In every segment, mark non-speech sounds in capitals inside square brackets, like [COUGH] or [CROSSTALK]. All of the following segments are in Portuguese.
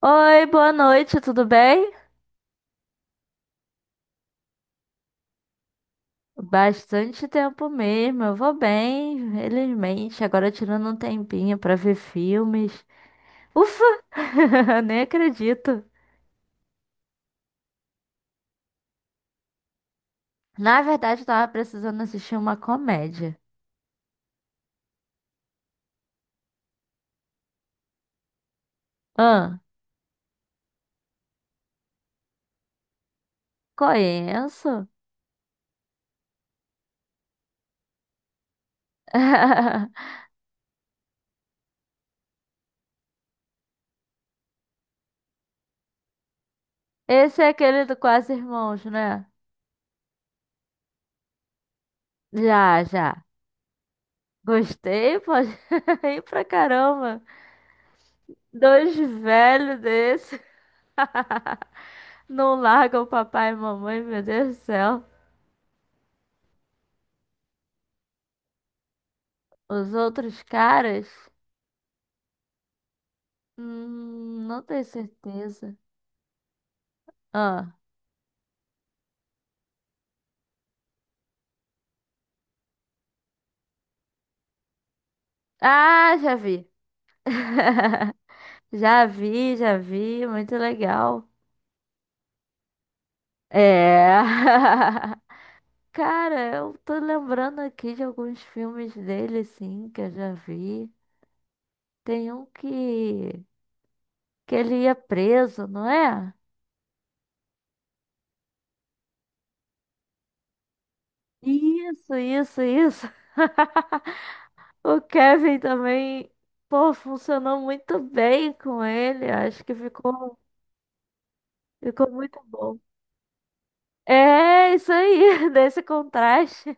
Oi, boa noite, tudo bem? Bastante tempo mesmo, eu vou bem, felizmente. Agora tirando um tempinho pra ver filmes. Ufa! [LAUGHS] Nem acredito. Na verdade, eu tava precisando assistir uma comédia. Ah, conheço? [LAUGHS] Esse é aquele do Quase Irmãos, né? Já, já. Gostei, pô. [LAUGHS] Ri pra caramba. Dois velhos desse. Não largam o papai e mamãe, meu Deus do céu. Os outros caras? Não tenho certeza. Ah, ah, já vi. [LAUGHS] Já vi, já vi. Muito legal. É. [LAUGHS] Cara, eu tô lembrando aqui de alguns filmes dele, sim, que eu já vi. Tem um que ele ia preso, não é? Isso, isso, isso. [LAUGHS] O Kevin também, pô, funcionou muito bem com ele. Acho que ficou. Ficou muito bom. É, isso aí, [LAUGHS] desse contraste.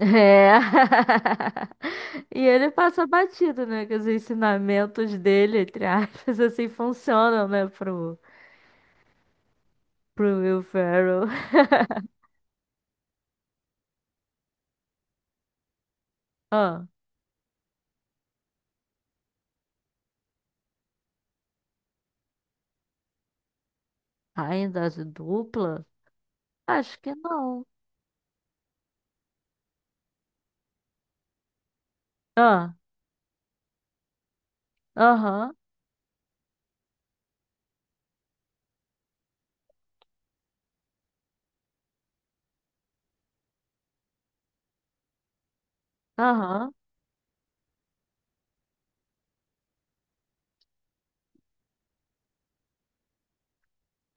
É. [LAUGHS] E ele passa batido, né? Que os ensinamentos dele, entre aspas, assim, funcionam, né? Pro Will Ferrell. [LAUGHS] Ah, ainda de dupla? Acho que não. Ah, aham, aham.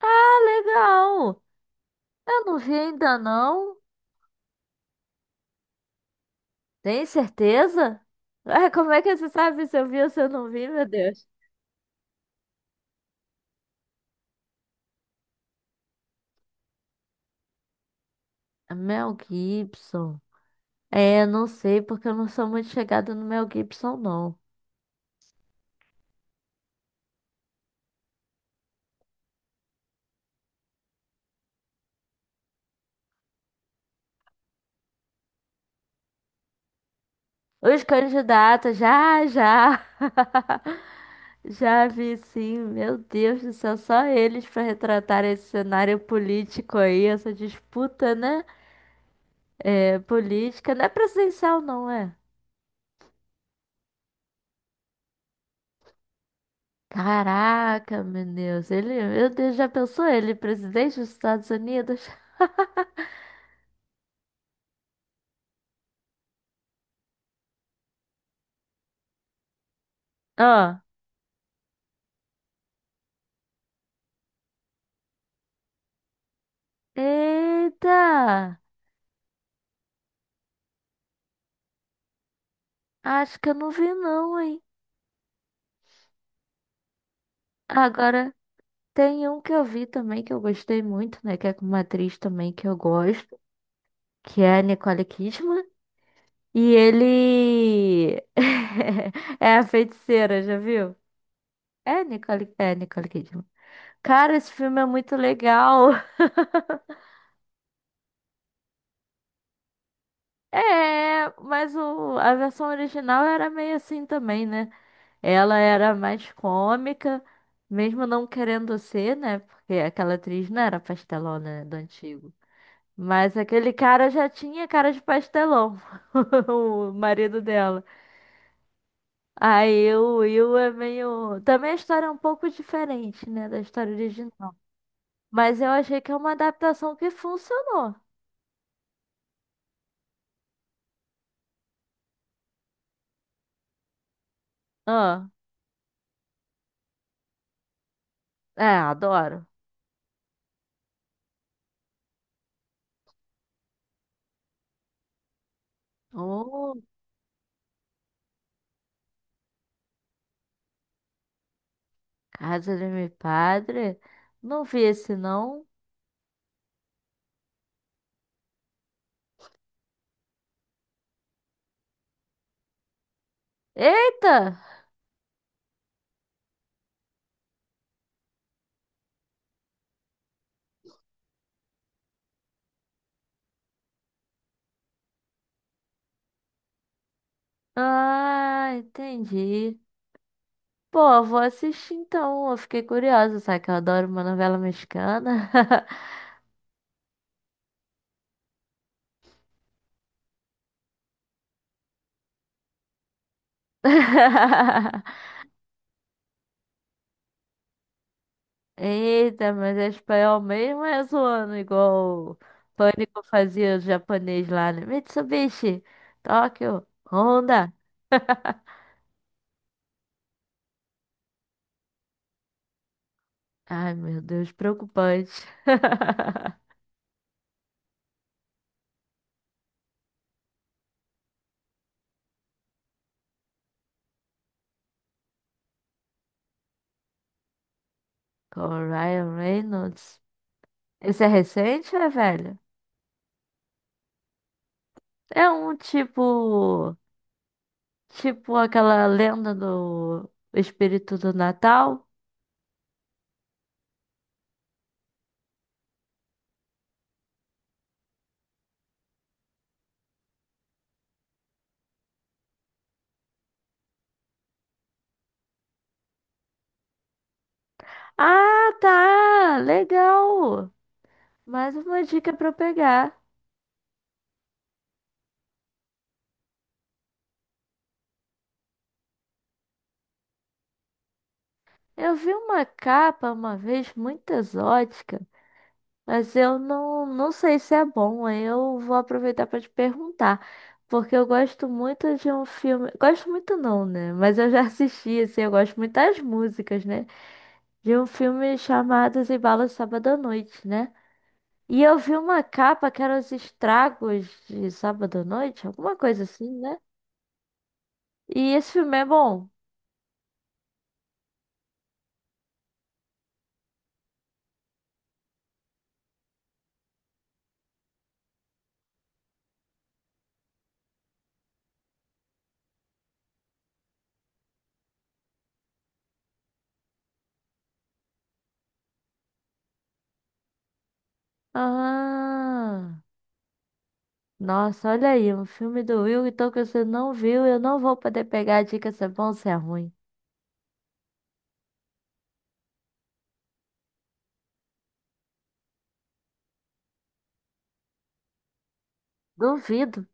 Ah, legal. Eu não vi ainda, não. Tem certeza? [LAUGHS] Ah, como é que você sabe se eu vi ou se eu não vi, meu Deus? É Mel Gibson. É, não sei, porque eu não sou muito chegada no Mel Gibson, não. Os candidatos, já, já. [LAUGHS] Já vi, sim. Meu Deus do céu, só eles para retratar esse cenário político aí, essa disputa, né? É, política, não é presidencial, não é? Caraca, meu Deus, ele, meu Deus, já pensou ele, presidente dos Estados Unidos? Ah, eita, acho que eu não vi não, hein? Agora tem um que eu vi também que eu gostei muito, né? Que é com uma atriz também que eu gosto, que é a Nicole Kidman. E ele [LAUGHS] é a feiticeira, já viu? É Nicole Kidman. Cara, esse filme é muito legal. [LAUGHS] É, mas o, a versão original era meio assim também, né? Ela era mais cômica, mesmo não querendo ser, né? Porque aquela atriz não era pastelona, né, do antigo. Mas aquele cara já tinha cara de pastelão, [LAUGHS] o marido dela. Aí o Will é meio. Também a história é um pouco diferente, né, da história original. Mas eu achei que é uma adaptação que funcionou. Ah, é, adoro. Oh, Casa de meu padre. Não vi esse, não. Eita! Ah, entendi. Pô, vou assistir então. Eu fiquei curiosa, sabe que eu adoro uma novela mexicana. [LAUGHS] Eita, mas é espanhol mesmo, é zoando igual o Pânico fazia o japonês lá, né? Mitsubishi, Tóquio, Honda. [LAUGHS] Ai, meu Deus, preocupante. [LAUGHS] Com o Ryan Reynolds. Esse é recente ou é velho? É um tipo. Tipo aquela lenda do espírito do Natal. Ah, tá! Legal! Mais uma dica pra eu pegar. Eu vi uma capa uma vez muito exótica, mas eu não sei se é bom. Aí eu vou aproveitar para te perguntar, porque eu gosto muito de um filme. Gosto muito não, né? Mas eu já assisti, assim, eu gosto muito das músicas, né? De um filme chamado As Embalas de Sábado à Noite, né? E eu vi uma capa que era Os Estragos de Sábado à Noite, alguma coisa assim, né? E esse filme é bom. Ah. Nossa, olha aí, um filme do Will, então que você não viu, eu não vou poder pegar a dica se é bom ou se é ruim. Duvido.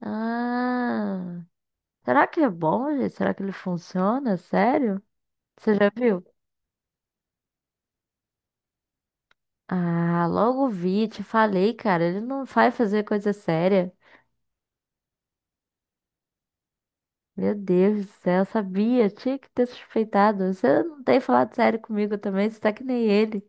Ah, será que é bom, gente? Será que ele funciona? Sério? Você já viu? Ah, logo vi, te falei, cara, ele não vai fazer coisa séria. Meu Deus do céu, eu sabia, tinha que ter suspeitado. Você não tem falado sério comigo também, você tá que nem ele.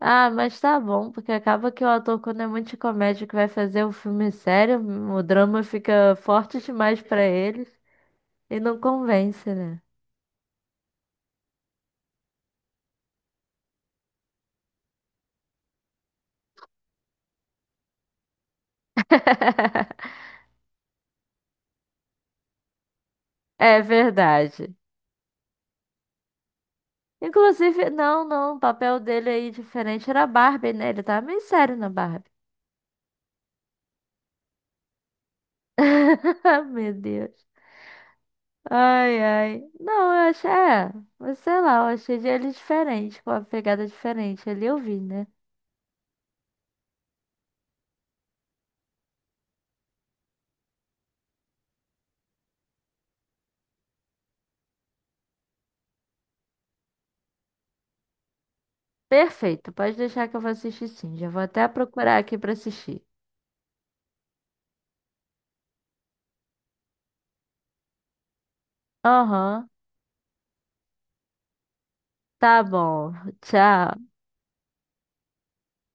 Ah, mas tá bom, porque acaba que o ator, quando é muito de comédia que vai fazer um filme sério, o drama fica forte demais pra ele e não convence, né? [LAUGHS] É verdade. Inclusive, não, não, o papel dele aí diferente era a Barbie, né? Ele tava meio sério na Barbie. [LAUGHS] Meu Deus. Ai, ai. Não, eu achei, é, mas sei lá, eu achei ele diferente, com a pegada diferente. Ali eu vi, né? Perfeito, pode deixar que eu vou assistir sim. Já vou até procurar aqui pra assistir. Aham, tá bom. Tchau.